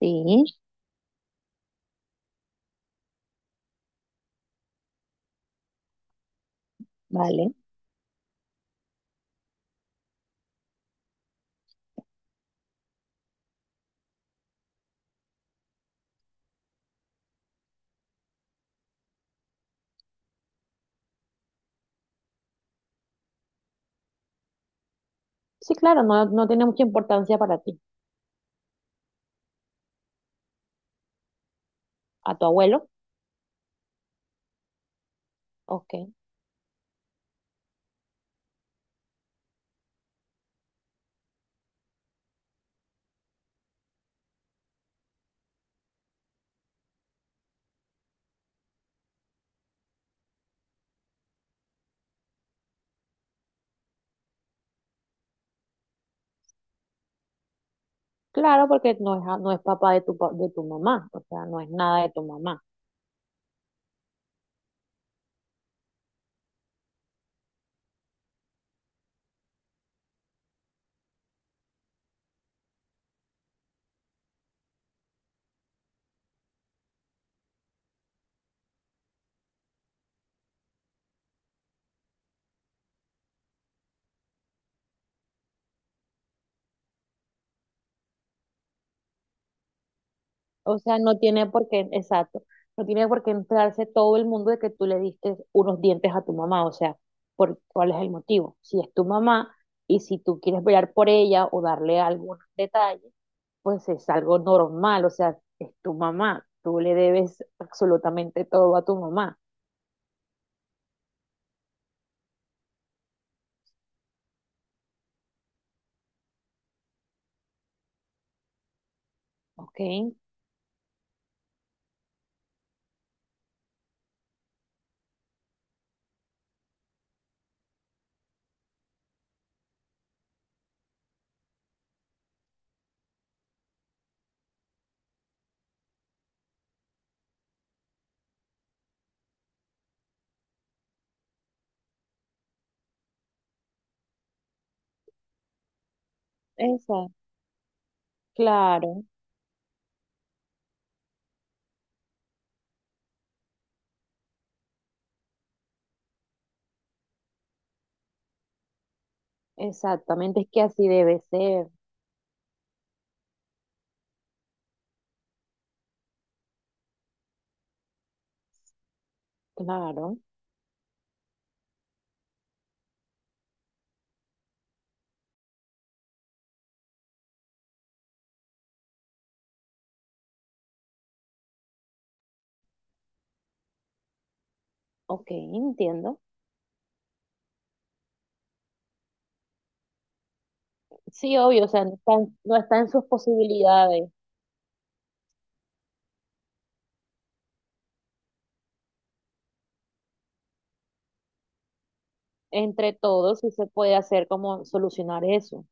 Sí, vale. Sí, claro, no, no tiene mucha importancia para ti. ¿A tu abuelo? Ok. Claro, porque no es, no es papá de tu, de tu mamá, o sea, no es nada de tu mamá. O sea, no tiene por qué, exacto, no tiene por qué entrarse todo el mundo de que tú le diste unos dientes a tu mamá, o sea, ¿cuál es el motivo? Si es tu mamá y si tú quieres velar por ella o darle algún detalle, pues es algo normal, o sea, es tu mamá, tú le debes absolutamente todo a tu mamá, ¿ok? Exacto. Claro, exactamente, es que así debe ser, claro, ok, entiendo. Sí, obvio, o sea, no está, no está en sus posibilidades, entre todos, si se puede hacer como solucionar eso.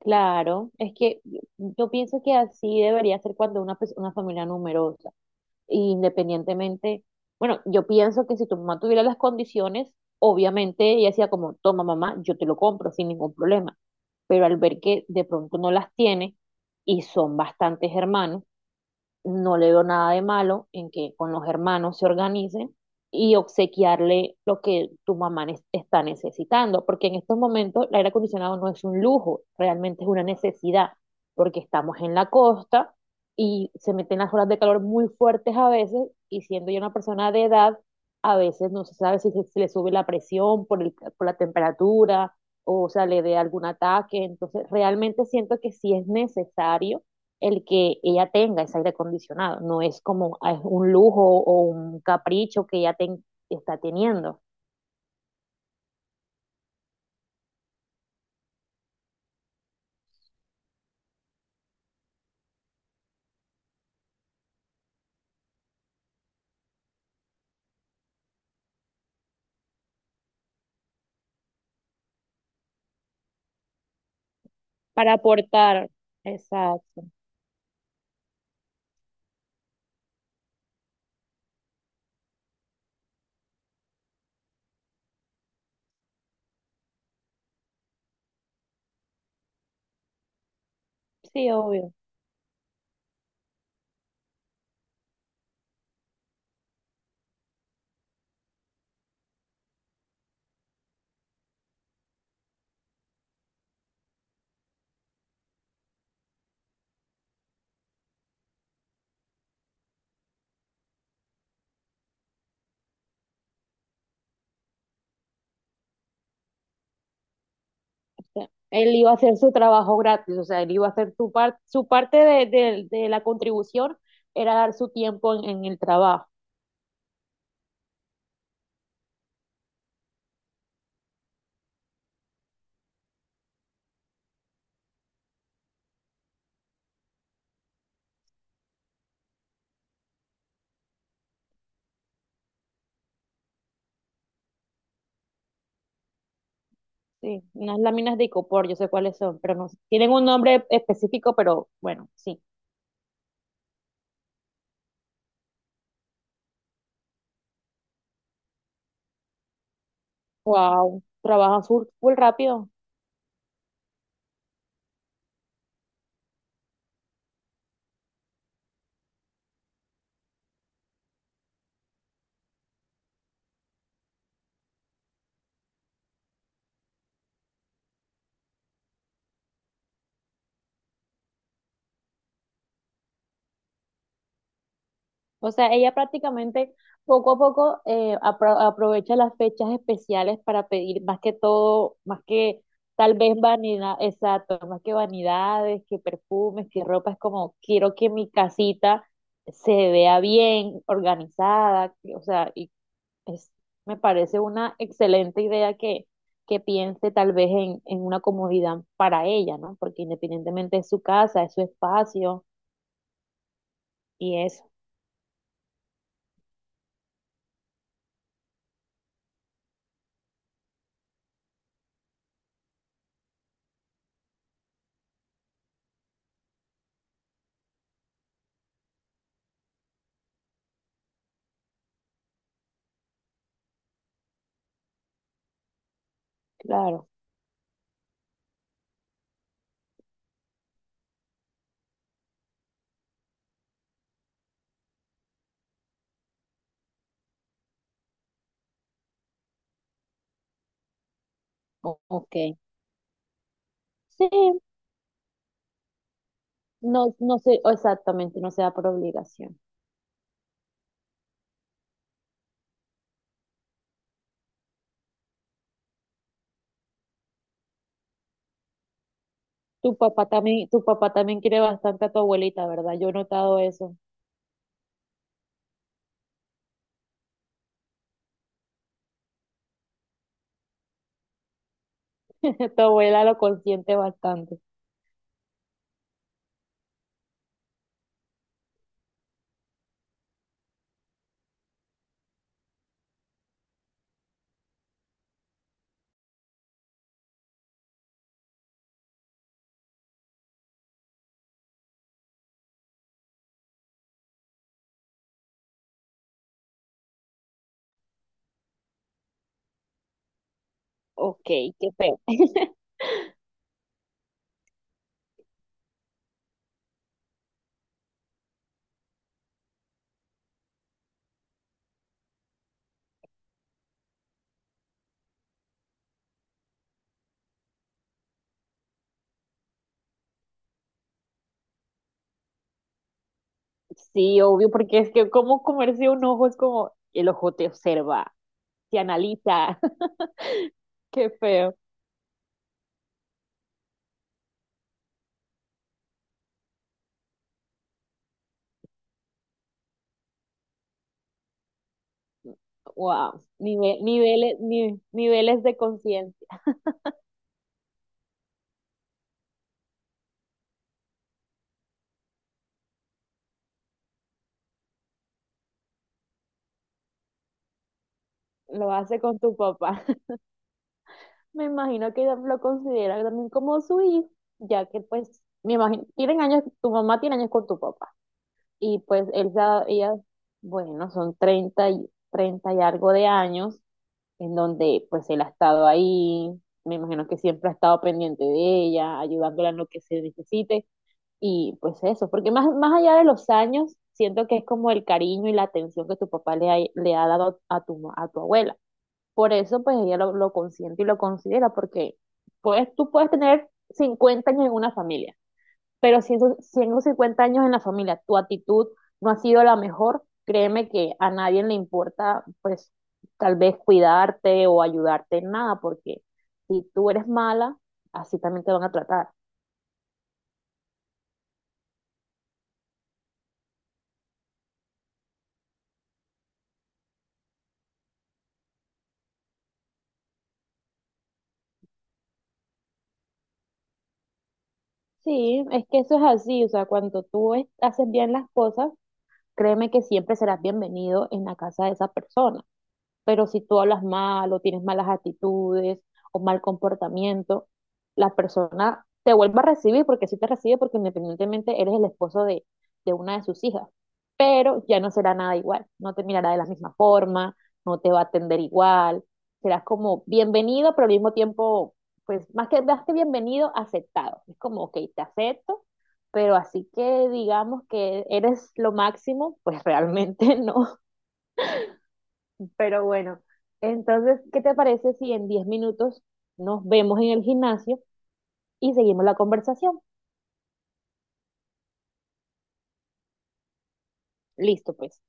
Claro, es que yo pienso que así debería ser cuando una, una familia numerosa, independientemente, bueno, yo pienso que si tu mamá tuviera las condiciones, obviamente ella decía como, toma mamá, yo te lo compro sin ningún problema, pero al ver que de pronto no las tiene y son bastantes hermanos, no le veo nada de malo en que con los hermanos se organicen y obsequiarle lo que tu mamá está necesitando, porque en estos momentos el aire acondicionado no es un lujo, realmente es una necesidad, porque estamos en la costa y se meten las olas de calor muy fuertes a veces, y siendo yo una persona de edad, a veces no se sabe si se, si le sube la presión por por la temperatura o sea, le dé algún ataque, entonces realmente siento que sí es necesario el que ella tenga ese aire acondicionado, no es como es un lujo o un capricho que ella está teniendo. Para aportar. Exacto. Sí, obvio. O sea, él iba a hacer su trabajo gratis, o sea, él iba a hacer su, su parte de, de la contribución, era dar su tiempo en el trabajo. Sí, unas láminas de icopor, yo sé cuáles son, pero no sé. Tienen un nombre específico, pero bueno, sí. Wow, trabajan full, full rápido. O sea, ella prácticamente poco a poco aprovecha las fechas especiales para pedir más que todo, más que tal vez vanidad, exacto, más que vanidades, que perfumes, que ropa, es como quiero que mi casita se vea bien, organizada, o sea, es- me parece una excelente idea que piense tal vez en una comodidad para ella, ¿no? Porque independientemente es su casa, es su espacio y eso, claro, ok. Sí, no, no sé exactamente, no se da por obligación. Tu papá también quiere bastante a tu abuelita, ¿verdad? Yo he notado eso. Tu abuela lo consiente bastante. Ok, qué feo. Sí, obvio, porque es que como comerse un ojo es como el ojo te observa, te analiza. Qué feo. Wow. Niveles, niveles de conciencia. Lo hace con tu papá. Me imagino que lo considera también como su hijo, ya que pues, me imagino, tienen años, tu mamá tiene años con tu papá, y pues él, ella, bueno, son treinta y algo de años, en donde pues él ha estado ahí, me imagino que siempre ha estado pendiente de ella, ayudándola en lo que se necesite, y pues eso, porque más, más allá de los años, siento que es como el cariño y la atención que tu papá le ha dado a tu, a tu abuela por eso, pues ella lo consiente y lo considera, porque pues, tú puedes tener 50 años en una familia, pero si en esos 50 años en la familia tu actitud no ha sido la mejor, créeme que a nadie le importa, pues, tal vez cuidarte o ayudarte en nada, porque si tú eres mala, así también te van a tratar. Sí, es que eso es así, o sea, cuando tú haces bien las cosas, créeme que siempre serás bienvenido en la casa de esa persona. Pero si tú hablas mal o tienes malas actitudes o mal comportamiento, la persona te vuelve a recibir porque sí te recibe porque independientemente eres el esposo de, una de sus hijas. Pero ya no será nada igual, no te mirará de la misma forma, no te va a atender igual, serás como bienvenido, pero al mismo tiempo, pues más que bienvenido, aceptado. Es como, ok, te acepto, pero así que digamos que eres lo máximo, pues realmente no. Pero bueno, entonces, ¿qué te parece si en 10 minutos nos vemos en el gimnasio y seguimos la conversación? Listo, pues.